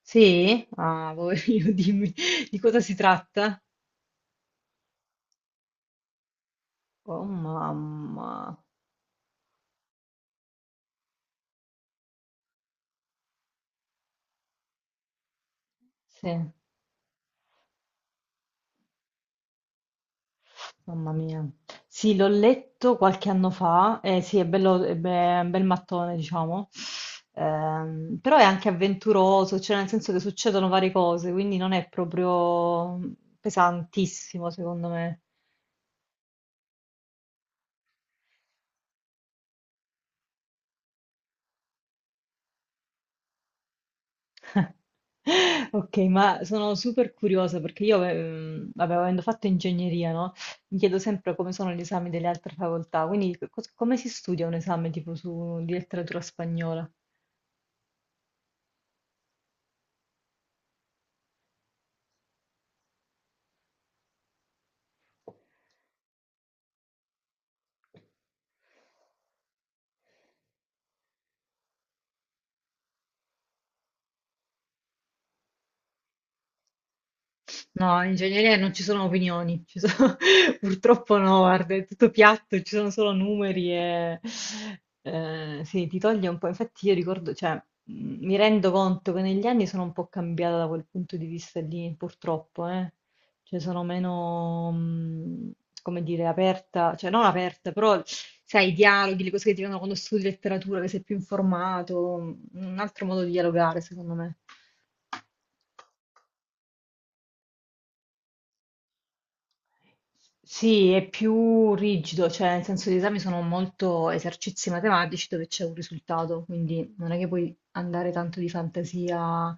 Sì? Ah, poverino, dimmi di cosa si tratta? Oh mamma, sì, mamma mia. Sì, l'ho letto qualche anno fa, sì, è bello, è un bel mattone, diciamo. Però è anche avventuroso, cioè nel senso che succedono varie cose, quindi non è proprio pesantissimo, secondo me. Ok, ma sono super curiosa perché io, vabbè, avendo fatto ingegneria, no? Mi chiedo sempre come sono gli esami delle altre facoltà, quindi come si studia un esame tipo su, di letteratura spagnola? No, in ingegneria non ci sono opinioni, purtroppo no, guarda, è tutto piatto, ci sono solo numeri e sì, ti toglie un po'. Infatti io ricordo, cioè, mi rendo conto che negli anni sono un po' cambiata da quel punto di vista lì, purtroppo, eh. Cioè sono meno, come dire, aperta, cioè non aperta, però sai, i dialoghi, le cose che ti vengono quando studi letteratura, che sei più informato, un altro modo di dialogare, secondo me. Sì, è più rigido, cioè nel senso gli esami sono molto esercizi matematici dove c'è un risultato, quindi non è che puoi andare tanto di fantasia.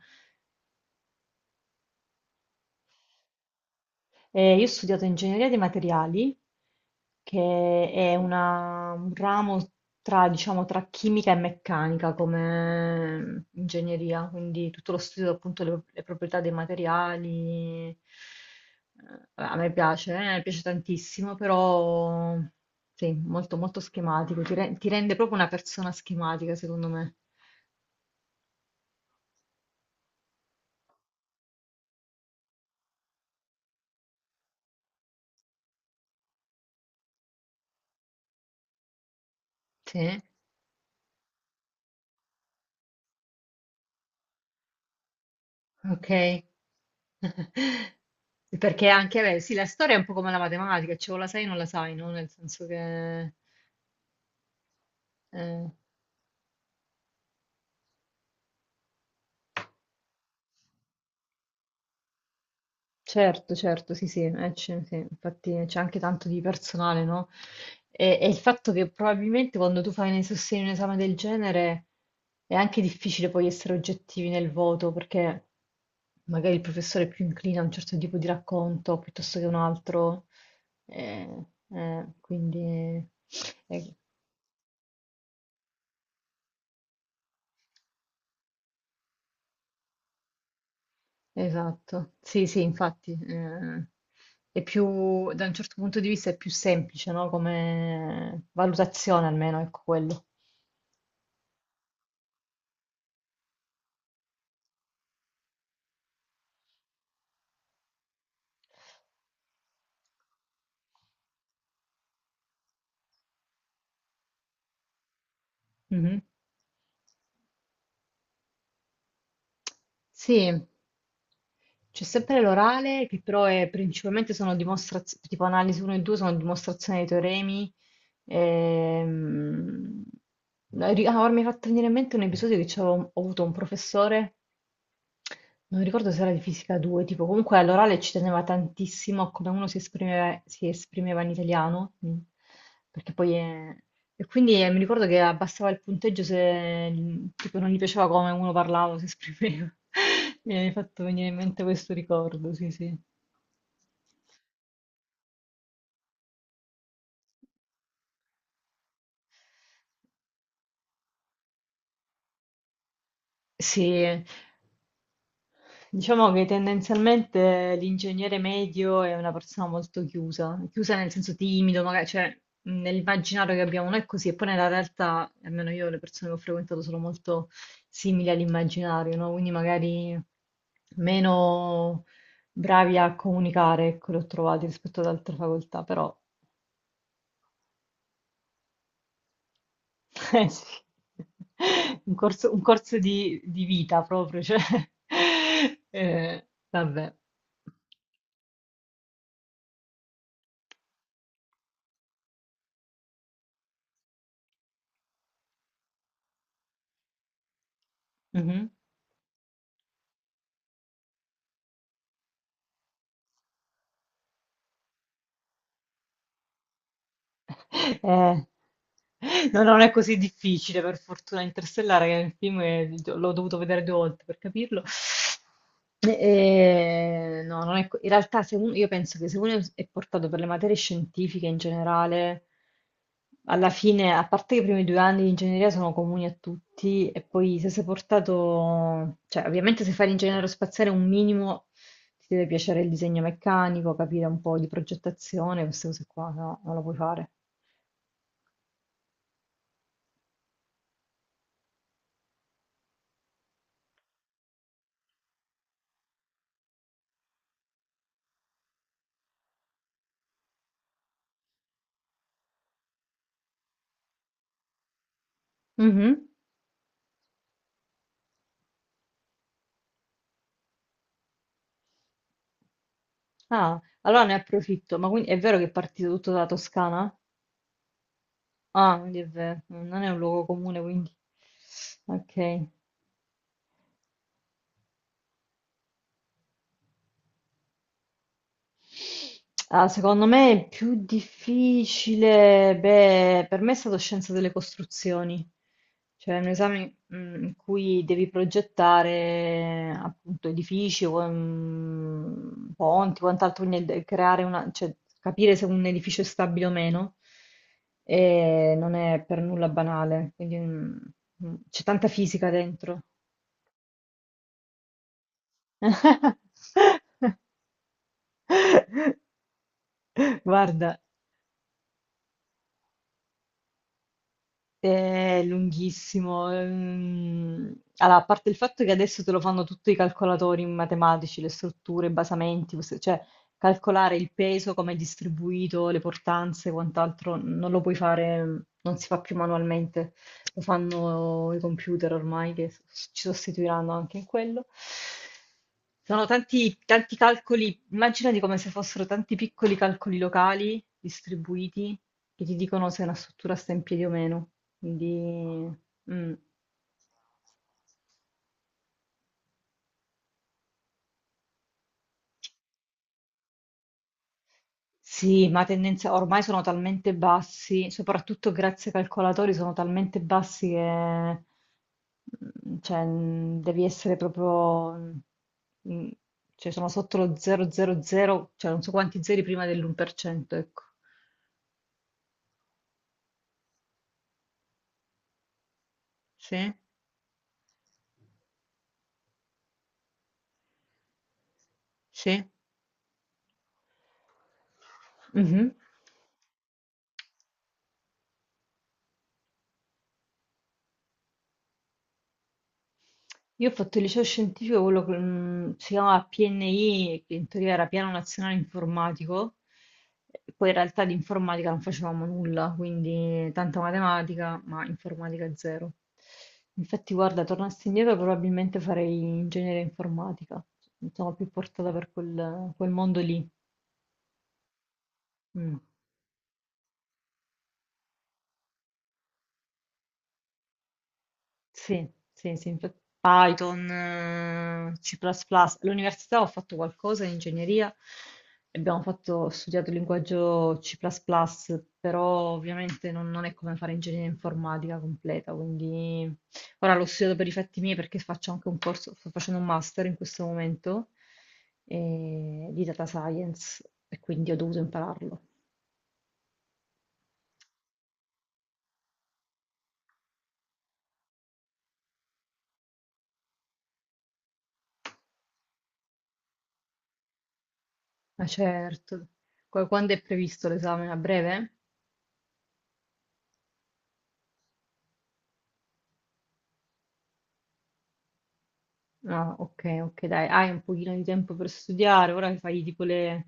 Io ho studiato ingegneria dei materiali, che è un ramo tra, diciamo, tra chimica e meccanica come ingegneria, quindi tutto lo studio appunto le proprietà dei materiali. A me piace, mi piace tantissimo, però sì, molto molto schematico, ti rende proprio una persona schematica, secondo me. Sì. Ok. Perché anche, beh, sì, la storia è un po' come la matematica, cioè o la sai o non la sai, no? Nel senso che... Eh, certo, certo, sì, sì, sì, infatti c'è anche tanto di personale, no? E il fatto che probabilmente quando tu fai nei sostegni un esame del genere è anche difficile poi essere oggettivi nel voto, perché magari il professore è più inclina a un certo tipo di racconto piuttosto che un altro, eh, quindi... eh, Esatto, sì, sì, infatti, è più, da un certo punto di vista è più semplice, no? Come valutazione almeno, ecco quello. Mhm. Sì, c'è sempre l'orale, che però è principalmente sono dimostrazioni, tipo analisi 1 e 2 sono dimostrazioni dei teoremi. Ehm... ah, ora mi ha fatto venire in mente un episodio che ho avuto un professore. Non ricordo se era di fisica 2, tipo comunque all'orale ci teneva tantissimo a come uno si esprimeva in italiano, perché poi e quindi mi ricordo che abbassava il punteggio se tipo, non gli piaceva come uno parlava o si esprimeva. Mi hai fatto venire in mente questo ricordo, sì, sì. Sì, diciamo che tendenzialmente l'ingegnere medio è una persona molto chiusa, chiusa nel senso timido, magari, cioè nell'immaginario che abbiamo noi è così, e poi nella realtà, almeno io, le persone che ho frequentato sono molto simili all'immaginario, no? Quindi magari meno bravi a comunicare, ecco, li ho trovati rispetto ad altre facoltà, però eh sì, un corso di vita proprio, cioè, vabbè. Mhm. No, non è così difficile, per fortuna, Interstellare, che è il film che l'ho dovuto vedere due volte per capirlo. No, non è co- in realtà se io penso che se uno è portato per le materie scientifiche in generale, alla fine, a parte che i primi due anni di ingegneria sono comuni a tutti, e poi se sei portato, cioè ovviamente se fai l'ingegnere aerospaziale un minimo ti deve piacere il disegno meccanico, capire un po' di progettazione, queste cose qua, no, non lo puoi fare. Mhm. Ah, allora ne approfitto. Ma quindi è vero che è partito tutto dalla Toscana? Ah, quindi è vero, non è un luogo comune, quindi. Ok. Ah, secondo me è più difficile, beh, per me è stato scienza delle costruzioni, cioè un esame in cui devi progettare appunto edifici, o, ponti, quant'altro, quindi creare una, cioè, capire se un edificio è stabile o meno, e non è per nulla banale, quindi c'è tanta fisica dentro. Guarda. È lunghissimo. Allora, a parte il fatto che adesso te lo fanno tutti i calcolatori matematici, le strutture, i basamenti, cioè calcolare il peso, come è distribuito, le portanze, e quant'altro, non lo puoi fare, non si fa più manualmente, lo fanno i computer ormai che ci sostituiranno anche in quello. Sono tanti, tanti calcoli, immaginati come se fossero tanti piccoli calcoli locali distribuiti che ti dicono se una struttura sta in piedi o meno. Quindi, mm. Sì, ma tendenza ormai sono talmente bassi, soprattutto grazie ai calcolatori, sono talmente bassi che cioè, devi essere proprio, mm, cioè sono sotto lo 000, cioè non so quanti zeri prima dell'1%, ecco. Sì, sì. Mhm. Io ho fatto il liceo scientifico, quello che si chiamava PNI, che in teoria era Piano Nazionale Informatico, e poi in realtà di informatica non facevamo nulla, quindi tanta matematica, ma informatica zero. Infatti, guarda, tornassi indietro probabilmente farei ingegneria informatica, sono più portata per quel mondo lì. Mm. Sì, sì, sì, Python, C++. Plus plus. All'università ho fatto qualcosa in ingegneria e abbiamo fatto, ho studiato il linguaggio C++, plus plus, però ovviamente non è come fare ingegneria informatica completa, quindi ora l'ho studiato per i fatti miei perché faccio anche un corso, sto facendo un master in questo momento di data science e quindi ho dovuto impararlo. Ma certo. Quando è previsto l'esame? A breve? Ah, ok, ok, dai, hai un pochino di tempo per studiare, ora che fai tipo le...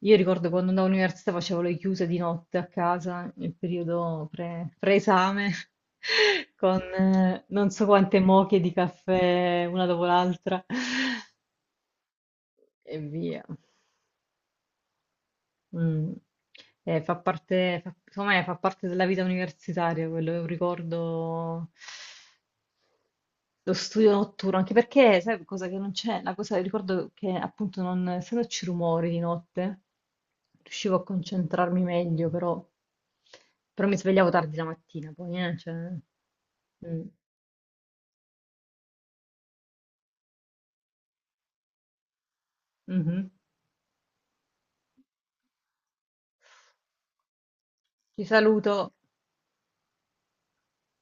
Io ricordo quando andavo all'università facevo le chiuse di notte a casa, nel periodo pre-esame, con non so quante moche di caffè una dopo l'altra e via. Mm. Fa parte, secondo me fa parte della vita universitaria, quello è un ricordo, lo studio notturno, anche perché, sai, cosa che non c'è, la cosa, ricordo che appunto non, essendoci rumori di notte, riuscivo a concentrarmi meglio, però mi svegliavo tardi la mattina, poi, cioè, mm, mhm. Ti saluto.